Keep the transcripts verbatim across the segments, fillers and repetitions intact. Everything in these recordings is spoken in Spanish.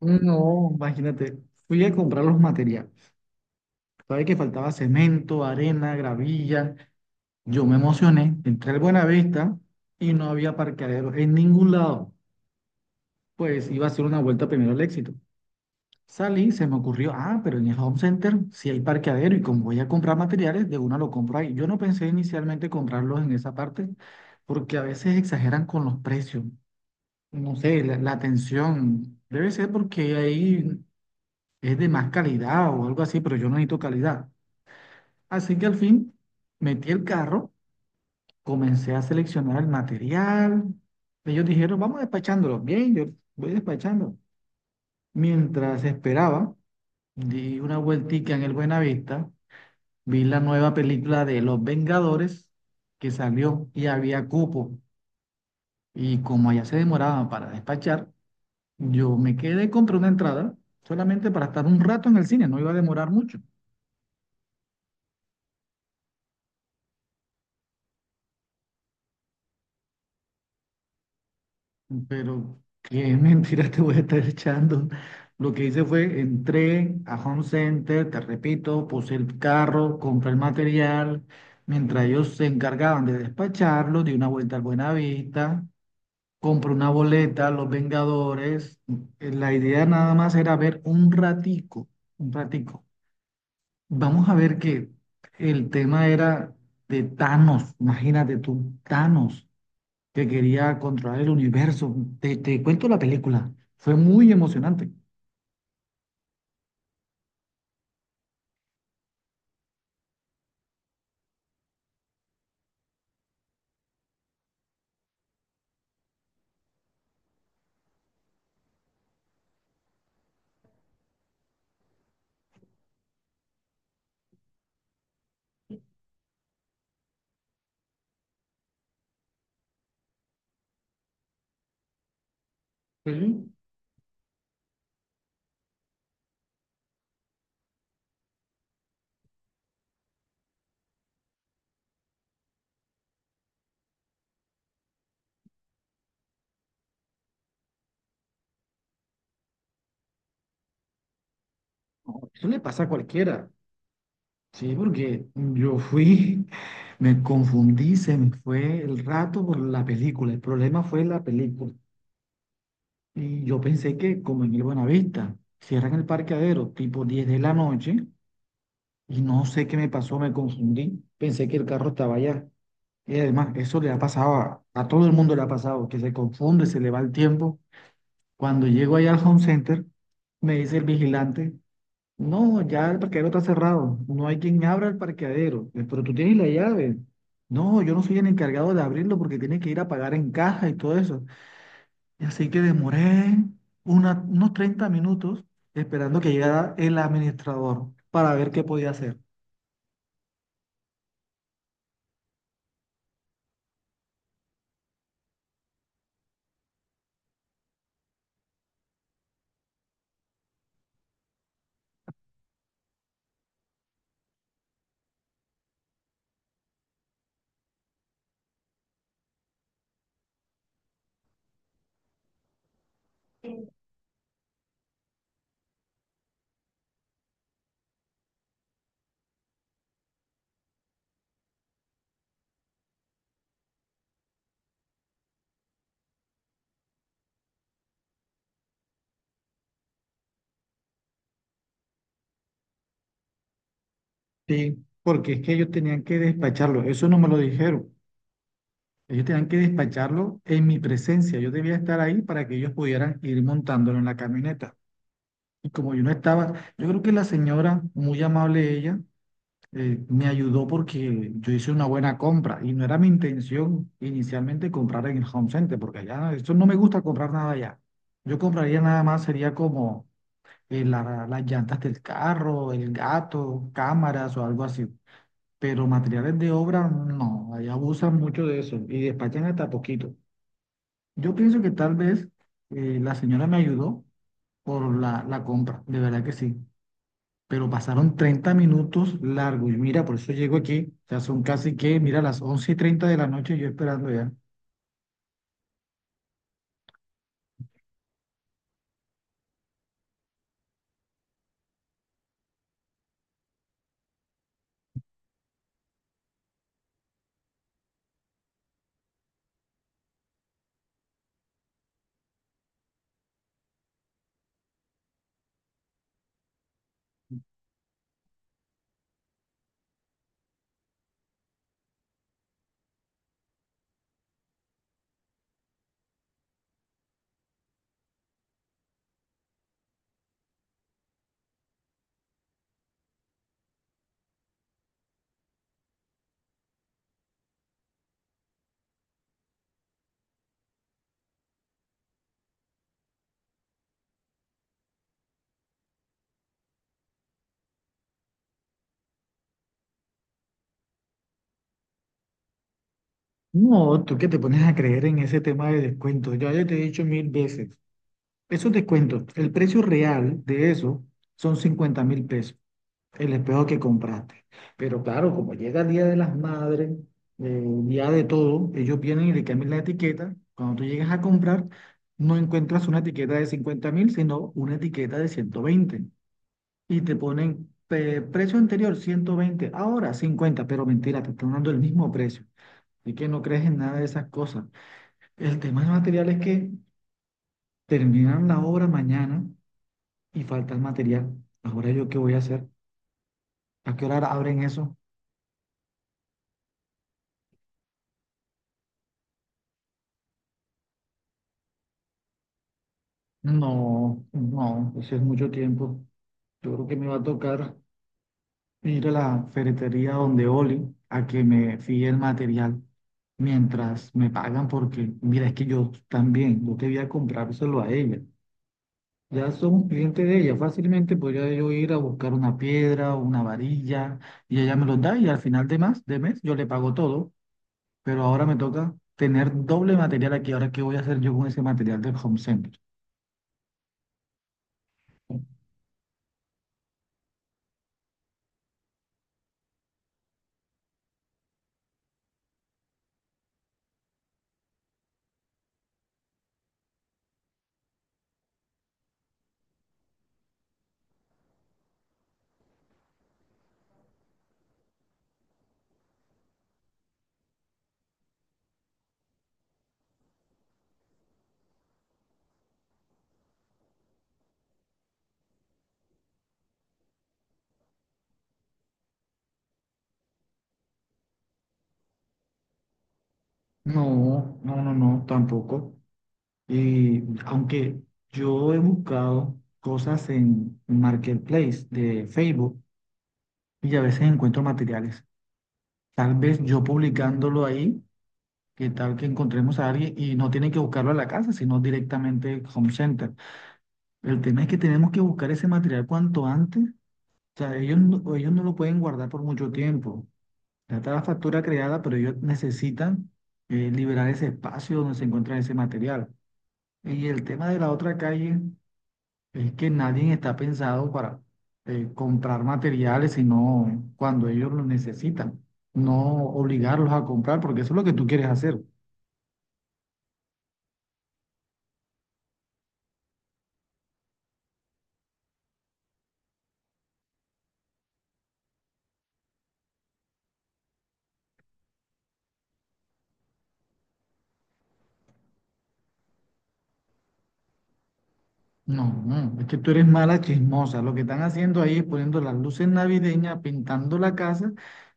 No, imagínate, fui a comprar los materiales. Sabes que faltaba cemento, arena, gravilla. Yo me emocioné, entré al Buenavista y no había parqueadero en ningún lado. Pues iba a hacer una vuelta primero al Éxito. Salí, se me ocurrió, ah, pero en el Home Center sí hay parqueadero y como voy a comprar materiales, de una lo compro ahí. Yo no pensé inicialmente comprarlos en esa parte porque a veces exageran con los precios. No sé, la, la atención. Debe ser porque ahí. es de más calidad o algo así, pero yo no necesito calidad. Así que al fin metí el carro, comencé a seleccionar el material. Ellos dijeron, vamos despachándolo. Bien, yo voy despachando. Mientras esperaba, di una vueltica en el Buenavista, vi la nueva película de Los Vengadores que salió y había cupo. Y como allá se demoraba para despachar, yo me quedé, compré una entrada solamente para estar un rato en el cine, no iba a demorar mucho. Pero qué mentira te voy a estar echando. Lo que hice fue, entré a Home Center, te repito, puse el carro, compré el material, mientras ellos se encargaban de despacharlo, di una vuelta al Buenavista, compré una boleta, Los Vengadores. Eh, La idea nada más era ver un ratico, un ratico. Vamos a ver que el tema era de Thanos, imagínate tú, Thanos que quería controlar el universo. Te, te cuento la película. Fue muy emocionante. Pero Eso le pasa a cualquiera. Sí, porque yo fui, me confundí, se me fue el rato por la película. El problema fue la película. Y yo pensé que, como en el Buenavista, cierran el parqueadero tipo diez de la noche y no sé qué me pasó, me confundí. Pensé que el carro estaba allá. Y además, eso le ha pasado a, a todo el mundo, le ha pasado, que se confunde, se le va el tiempo. Cuando llego ahí al home center, me dice el vigilante, no, ya el parqueadero está cerrado, no hay quien abra el parqueadero, "Eh, pero tú tienes la llave. No, yo no soy el encargado de abrirlo porque tiene que ir a pagar en caja y todo eso." Y así que demoré una- unos treinta minutos esperando que llegara el administrador para ver qué podía hacer. Sí, porque es que ellos tenían que despacharlo, eso no me lo dijeron. Ellos tenían que despacharlo en mi presencia, yo debía estar ahí para que ellos pudieran ir montándolo en la camioneta. Y como yo no estaba, yo creo que la señora, muy amable ella, eh, me ayudó porque yo hice una buena compra y no era mi intención inicialmente comprar en el Home Center, porque allá, eso no me gusta comprar nada allá. Yo compraría nada más, sería como eh, la- las llantas del carro, el gato, cámaras o algo así. Pero materiales de obra, no, allá abusan mucho de eso y despachan hasta poquito. Yo pienso que tal vez eh, la señora me ayudó por la, la compra, de verdad que sí, pero pasaron treinta minutos largos. Y mira, por eso llego aquí. O sea, son casi que, mira, las once y treinta de la noche yo esperando ya. No, tú que te pones a creer en ese tema de descuentos. Ya, ya te he dicho mil veces. Esos descuentos, el precio real de eso son cincuenta mil pesos, el espejo que compraste. Pero claro, como llega el Día de las Madres, eh, Día de todo, ellos vienen y le cambian la etiqueta. Cuando tú llegas a comprar, no encuentras una etiqueta de cincuenta mil, sino una etiqueta de ciento veinte. y te ponen eh, precio anterior ciento veinte, ahora cincuenta, pero mentira, te están dando el mismo precio. Así que no crees en nada de esas cosas. El tema del material es que terminan la obra mañana y falta el material. ¿Ahora yo qué voy a hacer? ¿A qué hora abren eso? No, no, eso es mucho tiempo. Yo creo que me va a tocar ir a la ferretería donde Oli a que me fíe el material mientras me pagan porque, mira, es que yo también, yo debía comprárselo a ella. Ya somos clientes de ella. Fácilmente podría yo ir a buscar una piedra o una varilla y ella me los da y al final de más, de mes yo le pago todo. Pero ahora me toca tener doble material aquí. Ahora, ¿qué voy a hacer yo con ese material del home center? No, no, no, no, tampoco. Y aunque yo he buscado cosas en Marketplace de Facebook y a veces encuentro materiales, tal vez yo publicándolo ahí ¿Qué tal que encontremos a alguien y no tienen que buscarlo a la casa, sino directamente al home center? El tema es que tenemos que buscar ese material cuanto antes. O sea, ellos no, ellos no lo pueden guardar por mucho tiempo. Ya está la factura creada, pero ellos necesitan eh, liberar ese espacio donde se encuentra ese material. Y el tema de la otra calle es que nadie está pensado para eh, comprar materiales, sino cuando ellos lo necesitan. No obligarlos a comprar, porque eso es lo que tú quieres hacer. No, no, es que tú eres mala chismosa. Lo que están haciendo ahí es poniendo las luces navideñas, pintando la casa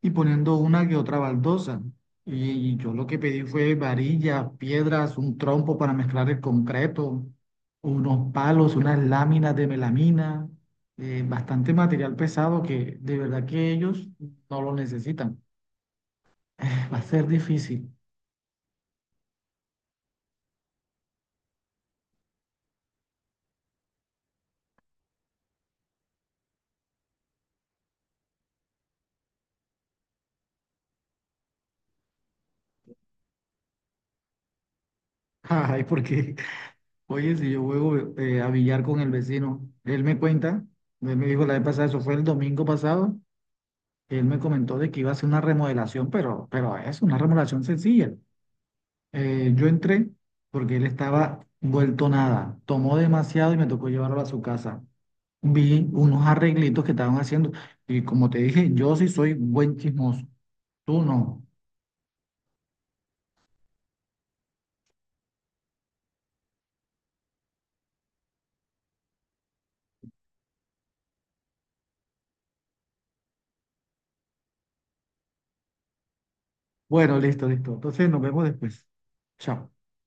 y poniendo una que otra baldosa. Y, y yo lo que pedí fue varillas, piedras, un trompo para mezclar el concreto, unos palos, unas láminas de melamina, eh, bastante material pesado que de verdad que ellos no lo necesitan. Va a ser difícil. Ay, ¿por qué? Oye, si yo juego eh, a billar con el vecino, él me cuenta, él me dijo la vez pasada, eso fue el domingo pasado, él me comentó de que iba a hacer una remodelación, pero, pero es una remodelación sencilla. Eh, yo entré porque él estaba vuelto nada, tomó demasiado y me tocó llevarlo a su casa. Vi unos arreglitos que estaban haciendo y como te dije, yo sí soy buen chismoso, tú no. Bueno, listo, listo. Entonces nos vemos después. Chao.